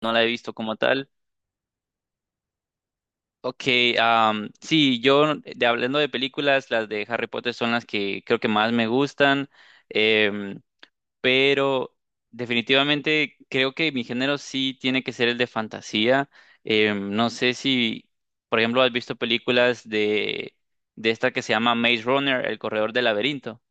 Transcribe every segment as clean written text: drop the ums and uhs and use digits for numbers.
No la he visto como tal. Ok, sí, yo hablando de películas, las de Harry Potter son las que creo que más me gustan, em, pero definitivamente creo que mi género sí tiene que ser el de fantasía. No sé si, por ejemplo, has visto películas de esta que se llama Maze Runner, El Corredor del Laberinto.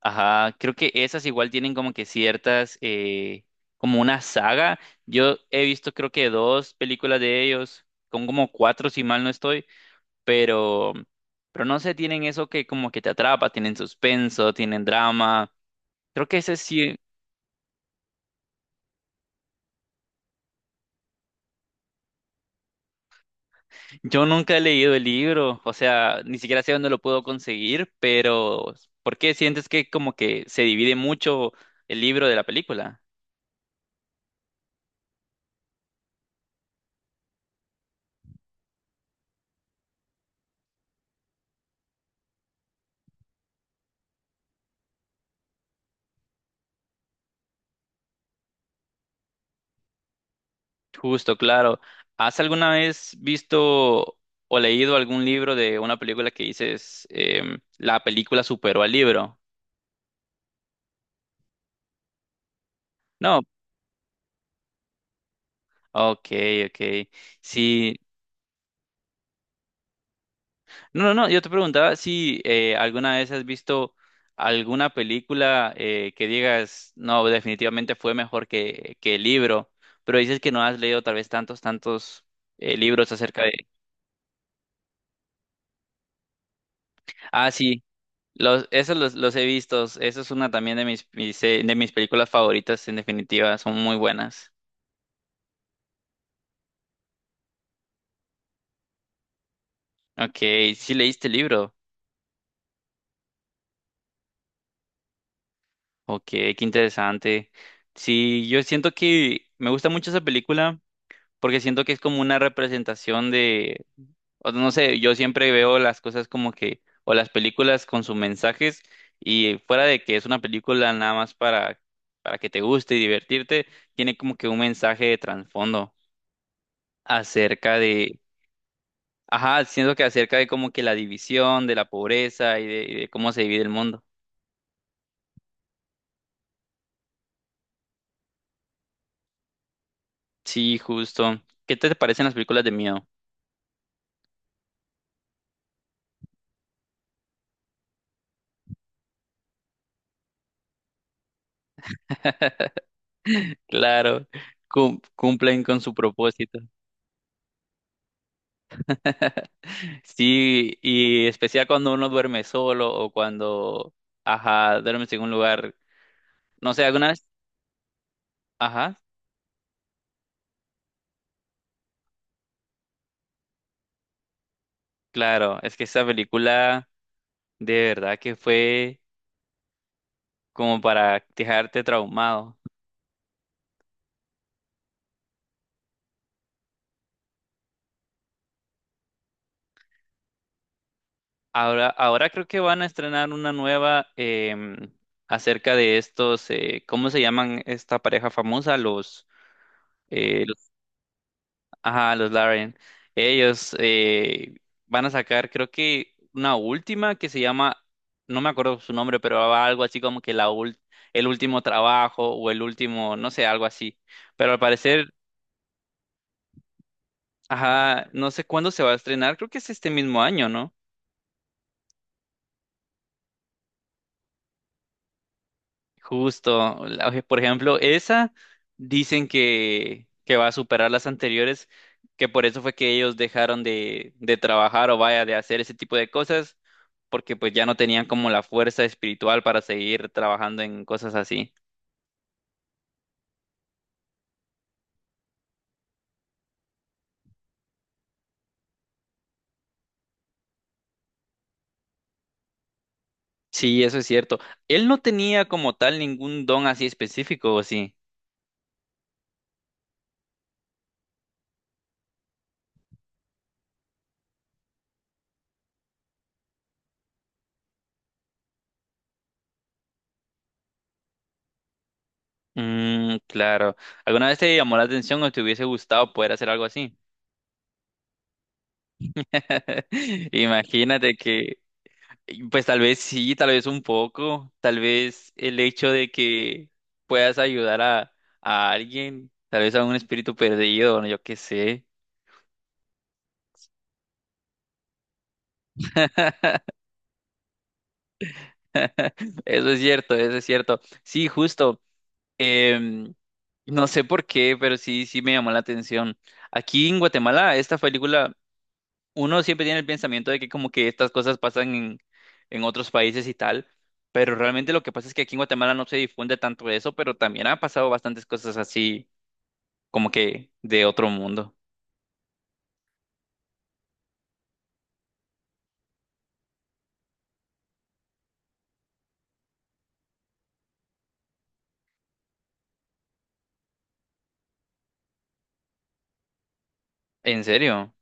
Ajá, creo que esas igual tienen como que ciertas, como una saga. Yo he visto creo que dos películas de ellos, con como cuatro si mal no estoy, pero, pero no sé, tienen eso que como que te atrapa, tienen suspenso, tienen drama. Creo que ese sí, yo nunca he leído el libro, o sea, ni siquiera sé dónde lo puedo conseguir, pero ¿por qué sientes que como que se divide mucho el libro de la película? Justo, claro. ¿Has alguna vez visto o leído algún libro de una película que dices, la película superó al libro? No. Ok, ok. Sí. No, no, no. Yo te preguntaba si alguna vez has visto alguna película que digas, no, definitivamente fue mejor que el libro, pero dices que no has leído tal vez tantos, tantos libros acerca de. Ah, sí. Esos los he visto. Eso es una también de mis películas favoritas, en definitiva. Son muy buenas. Ok, sí leíste el libro. Ok, qué interesante. Sí, yo siento que me gusta mucho esa película porque siento que es como una representación de, o no sé, yo siempre veo las cosas como que, o las películas con sus mensajes y fuera de que es una película nada más para, que te guste y divertirte, tiene como que un mensaje de trasfondo acerca de. Ajá, siento que acerca de como que la división, de la pobreza y de cómo se divide el mundo. Sí, justo. ¿Qué te parecen las películas de miedo? Claro, cumplen con su propósito. Sí, y especial cuando uno duerme solo o cuando, ajá, duermes en un lugar, no sé, alguna vez. Ajá, claro, es que esa película de verdad que fue como para dejarte traumado. Ahora, ahora creo que van a estrenar una nueva acerca de estos, ¿cómo se llaman esta pareja famosa? Eh, los- ajá, los Lauren. Ellos van a sacar, creo que una última que se llama, no me acuerdo su nombre, pero va algo así como que el último trabajo o el último, no sé, algo así. Pero al parecer, ajá, no sé cuándo se va a estrenar, creo que es este mismo año, ¿no? Justo, por ejemplo, esa dicen que, va a superar las anteriores, que por eso fue que ellos dejaron de trabajar o vaya, de hacer ese tipo de cosas, porque pues ya no tenían como la fuerza espiritual para seguir trabajando en cosas así. Sí, eso es cierto. Él no tenía como tal ningún don así específico, ¿o sí? Mm, claro. ¿Alguna vez te llamó la atención o te hubiese gustado poder hacer algo así? Imagínate. Pues tal vez sí, tal vez un poco, tal vez el hecho de que puedas ayudar a, alguien, tal vez a un espíritu perdido, no, yo qué sé. Eso es cierto, eso es cierto. Sí, justo. em, no sé por qué, pero sí, sí me llamó la atención. Aquí en Guatemala, esta película, uno siempre tiene el pensamiento de que como que estas cosas pasan en, otros países y tal, pero realmente lo que pasa es que aquí en Guatemala no se difunde tanto eso, pero también ha pasado bastantes cosas así como que de otro mundo. ¿En serio?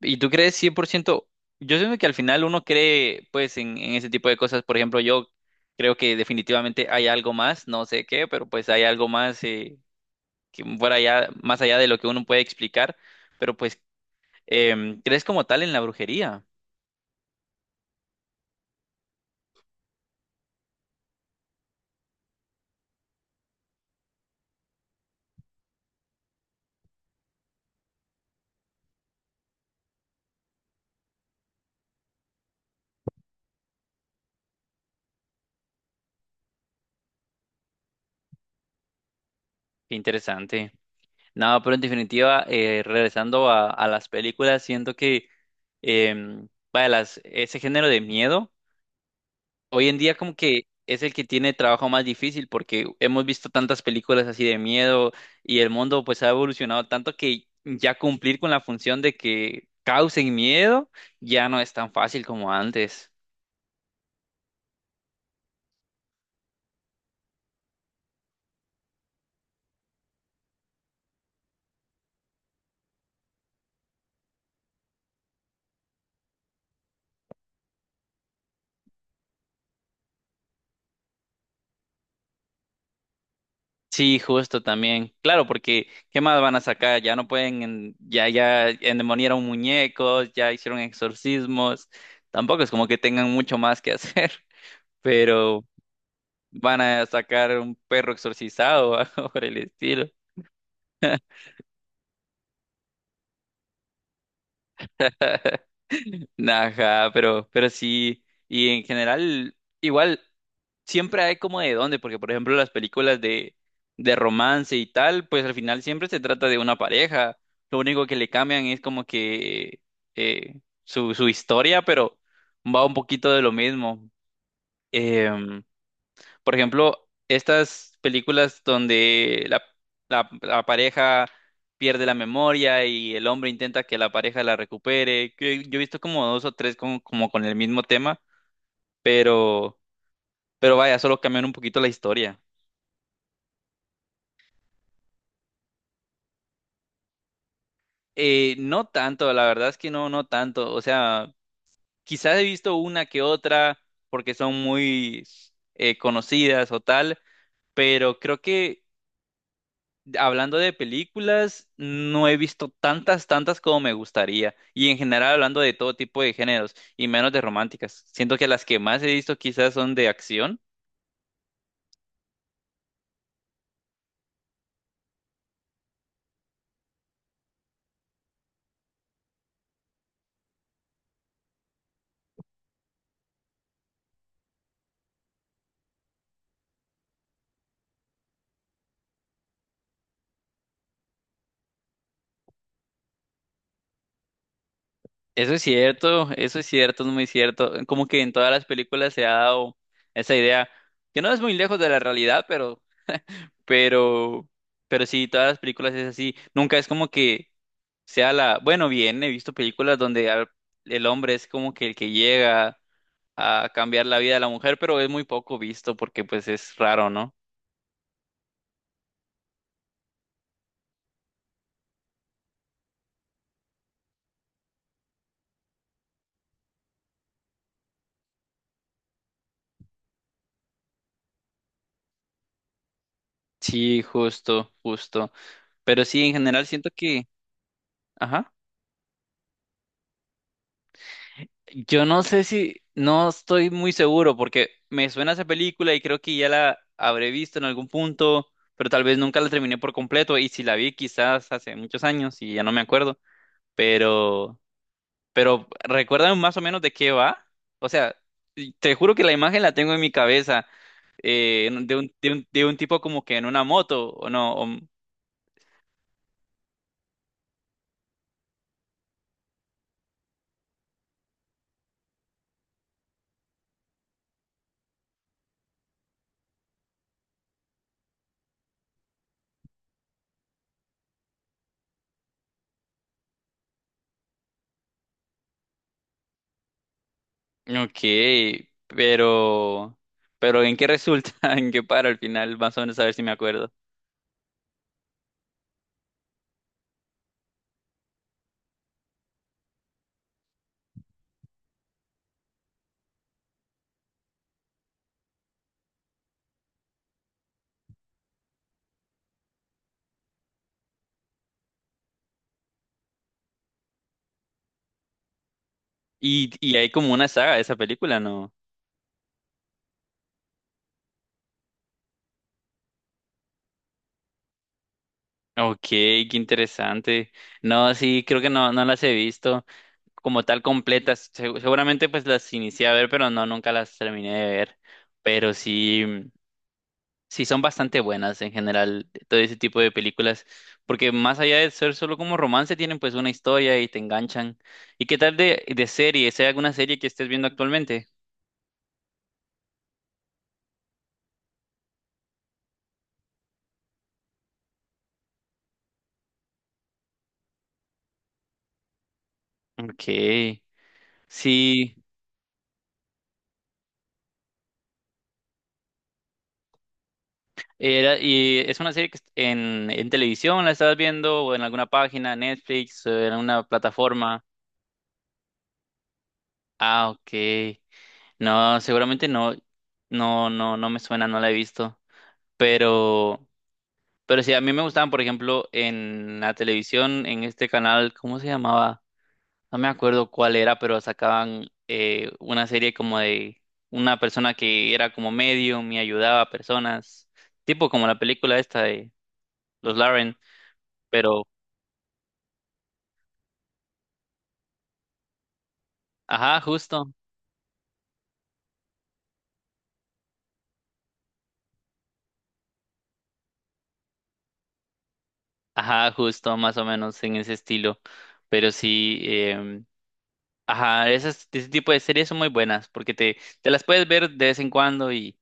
¿Y tú crees 100%? Yo siento que al final uno cree pues en ese tipo de cosas. Por ejemplo, yo creo que definitivamente hay algo más, no sé qué, pero pues hay algo más que fuera allá, más allá de lo que uno puede explicar. Pero pues, ¿crees como tal en la brujería? Qué interesante. No, pero en definitiva, regresando a las películas, siento que vaya, ese género de miedo. Hoy en día como que es el que tiene trabajo más difícil porque hemos visto tantas películas así de miedo y el mundo pues ha evolucionado tanto que ya cumplir con la función de que causen miedo ya no es tan fácil como antes. Sí, justo también. Claro, porque ¿qué más van a sacar? Ya no pueden, ya endemoniaron muñecos, ya hicieron exorcismos. Tampoco es como que tengan mucho más que hacer, pero van a sacar un perro exorcizado o algo por el estilo. Ajá, pero sí, y en general, igual, siempre hay como de dónde, porque por ejemplo las películas de, romance y tal, pues al final siempre se trata de una pareja, lo único que le cambian es como que su historia, pero va un poquito de lo mismo. Em, por ejemplo, estas películas donde la pareja pierde la memoria y el hombre intenta que la pareja la recupere, que yo he visto como dos o tres como con el mismo tema, pero, pero vaya, solo cambian un poquito la historia. No tanto, la verdad es que no, no tanto. O sea, quizás he visto una que otra porque son muy conocidas o tal, pero creo que hablando de películas, no he visto tantas, tantas como me gustaría. Y en general hablando de todo tipo de géneros y menos de románticas. Siento que las que más he visto quizás son de acción. Eso es cierto, es muy cierto. Como que en todas las películas se ha dado esa idea, que no es muy lejos de la realidad, pero, pero sí, todas las películas es así. Nunca es como que bueno, bien, he visto películas donde el hombre es como que el que llega a cambiar la vida de la mujer, pero es muy poco visto porque pues es raro, ¿no? Sí, justo, justo. Pero sí, en general siento que, ajá, yo no sé si, no estoy muy seguro porque me suena esa película y creo que ya la habré visto en algún punto, pero tal vez nunca la terminé por completo y si la vi quizás hace muchos años y ya no me acuerdo, pero, pero recuérdame más o menos de qué va. O sea, y te juro que la imagen la tengo en mi cabeza en de un, de un, de un tipo como que en una moto, ¿o no? Ok, pero, pero ¿en qué resulta? ¿En qué para al final? Más o menos a ver si me acuerdo. Y hay como una saga de esa película, ¿no? Ok, qué interesante. No, sí, creo que no, no las he visto como tal completas. Seguramente pues las inicié a ver, pero no, nunca las terminé de ver. Pero sí. Sí, son bastante buenas en general todo ese tipo de películas, porque más allá de ser solo como romance, tienen pues una historia y te enganchan. ¿Y qué tal de series? ¿Hay alguna serie que estés viendo actualmente? Ok, sí, ¿y es una serie en televisión la estabas viendo o en alguna página, Netflix, o en una plataforma? Ah, ok. No, seguramente no, no, no, no me suena, no la he visto, pero. Pero sí, a mí me gustaban, por ejemplo, en la televisión, en este canal, ¿cómo se llamaba? No me acuerdo cuál era, pero sacaban una serie como de una persona que era como medium y ayudaba a personas, tipo como la película esta de Los Lauren, pero, ajá, justo. Ajá, justo, más o menos en ese estilo. Pero sí, ajá, ese tipo de series son muy buenas porque te las puedes ver de vez en cuando y,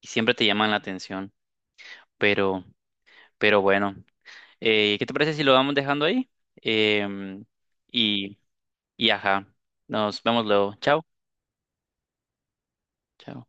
y siempre te llaman la atención, pero, pero bueno. ¿Qué te parece si lo vamos dejando ahí? Em, y, y ajá, nos vemos luego. Chao. Chao.